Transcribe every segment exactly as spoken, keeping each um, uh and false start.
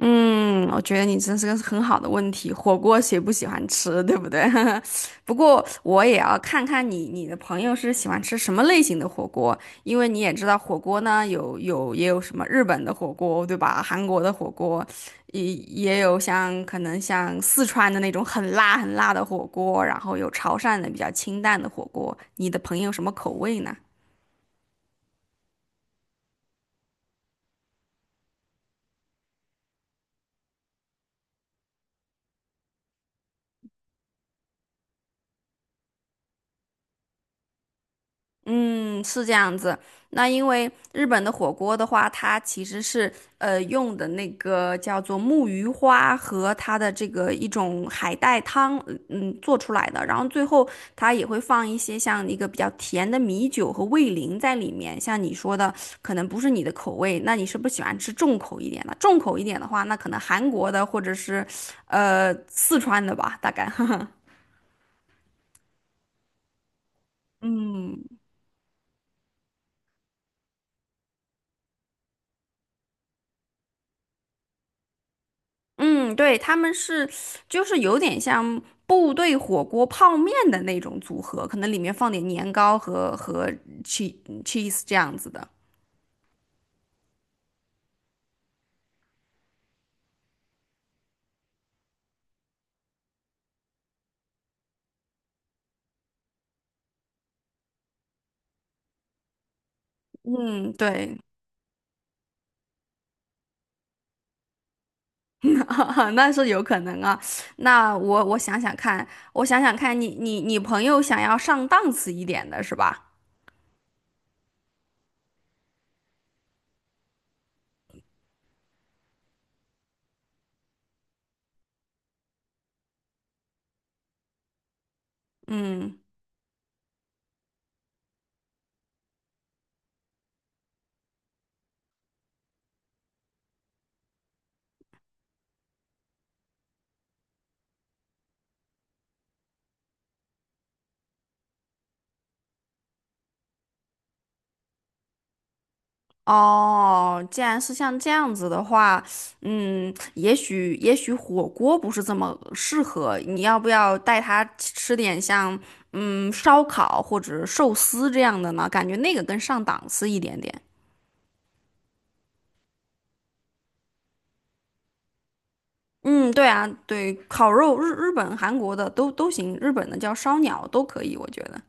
嗯，我觉得你真是个很好的问题。火锅谁不喜欢吃，对不对？不过我也要看看你你的朋友是喜欢吃什么类型的火锅，因为你也知道火锅呢有有也有什么日本的火锅，对吧？韩国的火锅，也也有像可能像四川的那种很辣很辣的火锅，然后有潮汕的比较清淡的火锅。你的朋友什么口味呢？嗯，是这样子。那因为日本的火锅的话，它其实是呃用的那个叫做木鱼花和它的这个一种海带汤，嗯嗯做出来的。然后最后它也会放一些像一个比较甜的米酒和味淋在里面。像你说的，可能不是你的口味，那你是不是喜欢吃重口一点的？重口一点的话，那可能韩国的或者是呃四川的吧，大概。嗯，对，他们是，就是有点像部队火锅泡面的那种组合，可能里面放点年糕和和 cheese 嗯 cheese 这样子的。嗯，对，那是有可能啊。那我我想想看，我想想看你你你朋友想要上档次一点的是吧？嗯。哦，既然是像这样子的话，嗯，也许也许火锅不是这么适合，你要不要带他吃点像嗯烧烤或者寿司这样的呢？感觉那个更上档次一点点。嗯，对啊，对，烤肉日日本、韩国的都都行，日本的叫烧鸟都可以，我觉得。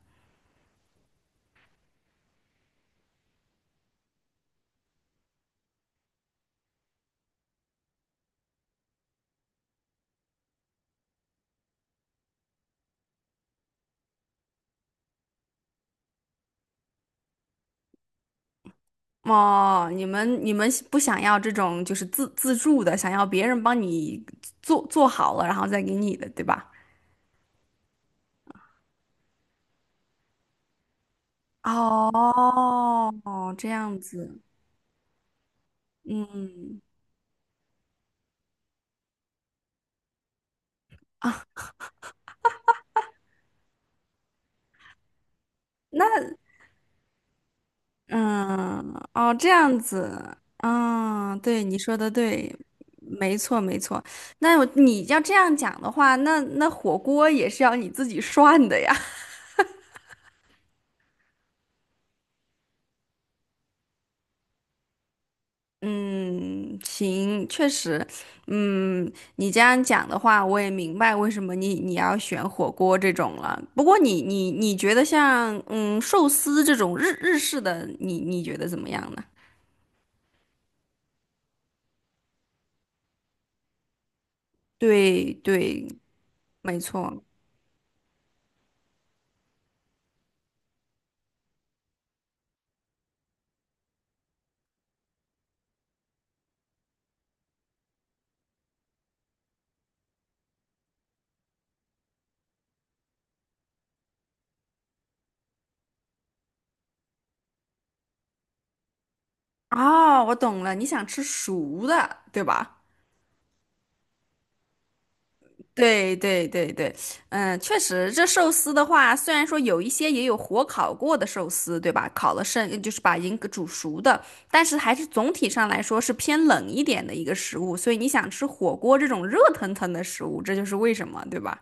哦，你们你们不想要这种就是自自助的，想要别人帮你做做好了，然后再给你的，对吧？哦，哦这样子，嗯嗯，哦，这样子，嗯，对，你说的对，没错没错。那我你要这样讲的话，那那火锅也是要你自己涮的呀。嗯，行，确实，嗯，你这样讲的话，我也明白为什么你你要选火锅这种了。不过你你你觉得像嗯寿司这种日日式的，你你觉得怎么样呢？对对，没错。哦，我懂了，你想吃熟的，对吧？对对对对，嗯，确实，这寿司的话，虽然说有一些也有火烤过的寿司，对吧？烤了剩就是把已经煮熟的，但是还是总体上来说是偏冷一点的一个食物，所以你想吃火锅这种热腾腾的食物，这就是为什么，对吧？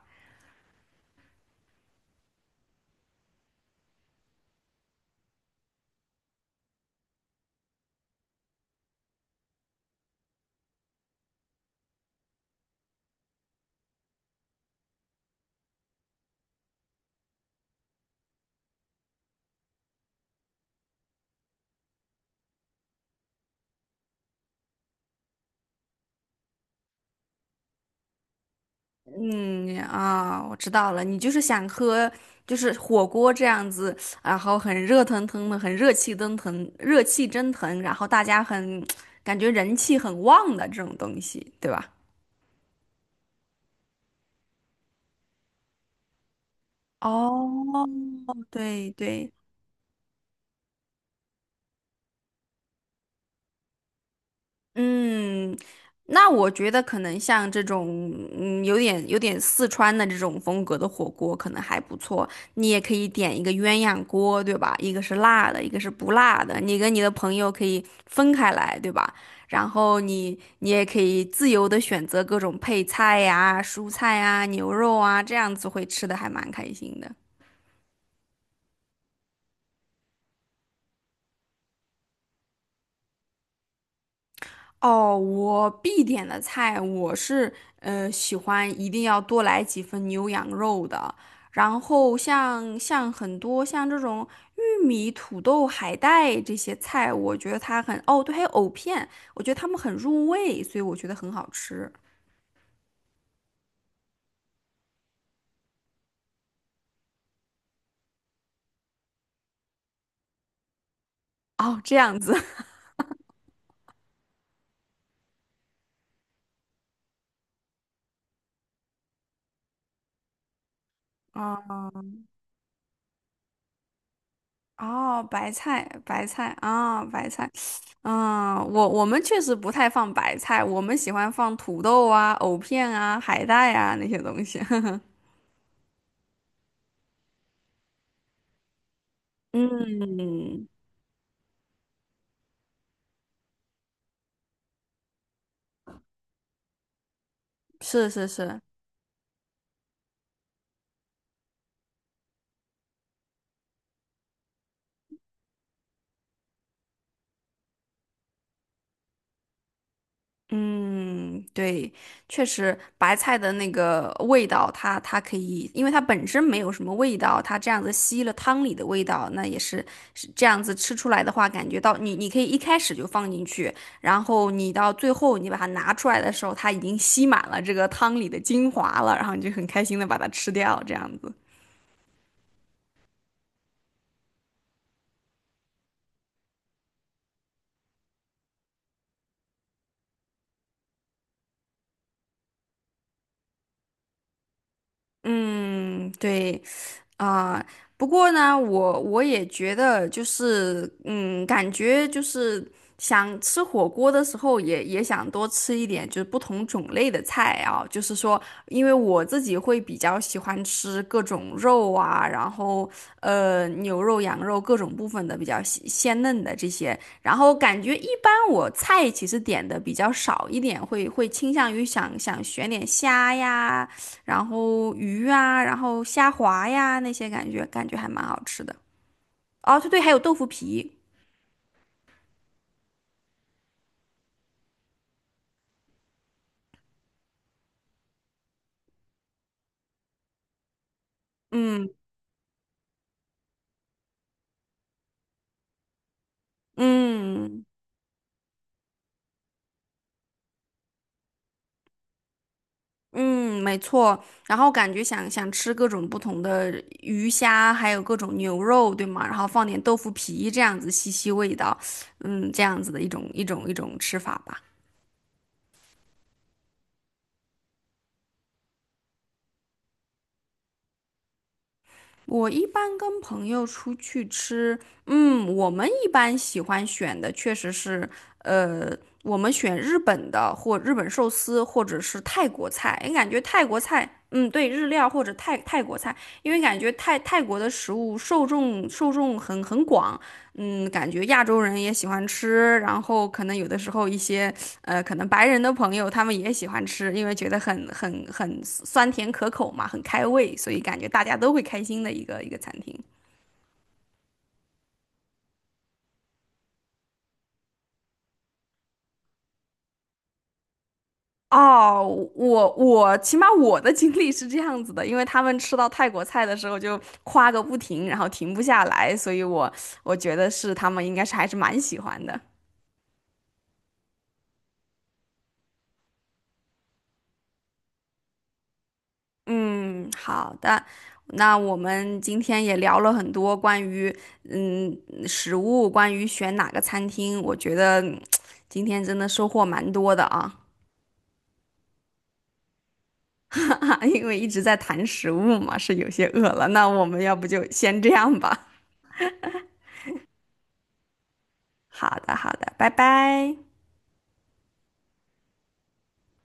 嗯啊，我知道了，你就是想喝就是火锅这样子，然后很热腾腾的，很热气腾腾，热气蒸腾，然后大家很感觉人气很旺的这种东西，对吧？哦，对对，嗯，那我觉得可能像这种，嗯，有点有点四川的这种风格的火锅可能还不错。你也可以点一个鸳鸯锅，对吧？一个是辣的，一个是不辣的。你跟你的朋友可以分开来，对吧？然后你你也可以自由的选择各种配菜呀、蔬菜呀、牛肉啊，这样子会吃的还蛮开心的。哦，我必点的菜，我是呃喜欢一定要多来几份牛羊肉的。然后像像很多像这种玉米、土豆、海带这些菜，我觉得它很，哦，对，还有藕片，我觉得它们很入味，所以我觉得很好吃。哦，这样子。啊哦，白菜，白菜啊，白菜，嗯，我我们确实不太放白菜，我们喜欢放土豆啊、藕片啊、海带啊那些东西。嗯，是是是，嗯，对，确实，白菜的那个味道它，它可以，因为它本身没有什么味道，它这样子吸了汤里的味道，那也是是这样子吃出来的话，感觉到你你可以一开始就放进去，然后你到最后你把它拿出来的时候，它已经吸满了这个汤里的精华了，然后你就很开心的把它吃掉，这样子。嗯，对，啊，不过呢，我我也觉得就是，嗯，感觉就是想吃火锅的时候也，也想多吃一点，就是不同种类的菜啊。就是说，因为我自己会比较喜欢吃各种肉啊，然后呃，牛肉、羊肉各种部分的比较鲜鲜嫩的这些。然后感觉一般，我菜其实点的比较少一点，会会倾向于想想选点虾呀。然后鱼啊，然后虾滑呀那些感觉，感觉还蛮好吃的。哦，对对，还有豆腐皮，嗯嗯嗯，没错。然后感觉想想吃各种不同的鱼虾，还有各种牛肉，对吗？然后放点豆腐皮，这样子吸吸味道，嗯，这样子的一种一种一种吃法吧。我一般跟朋友出去吃，嗯，我们一般喜欢选的确实是，呃，我们选日本的或日本寿司，或者是泰国菜，因为感觉泰国菜，嗯，对，日料或者泰泰国菜，因为感觉泰泰国的食物受众受众很很广，嗯，感觉亚洲人也喜欢吃，然后可能有的时候一些呃，可能白人的朋友他们也喜欢吃，因为觉得很很很酸甜可口嘛，很开胃，所以感觉大家都会开心的一个一个餐厅。哦，我我起码我的经历是这样子的，因为他们吃到泰国菜的时候就夸个不停，然后停不下来，所以我我觉得是他们应该是还是蛮喜欢的。嗯，好的。那我们今天也聊了很多关于嗯食物，关于选哪个餐厅，我觉得嗯今天真的收获蛮多的啊，因为一直在谈食物嘛，是有些饿了。那我们要不就先这样吧。好的，好的，拜拜。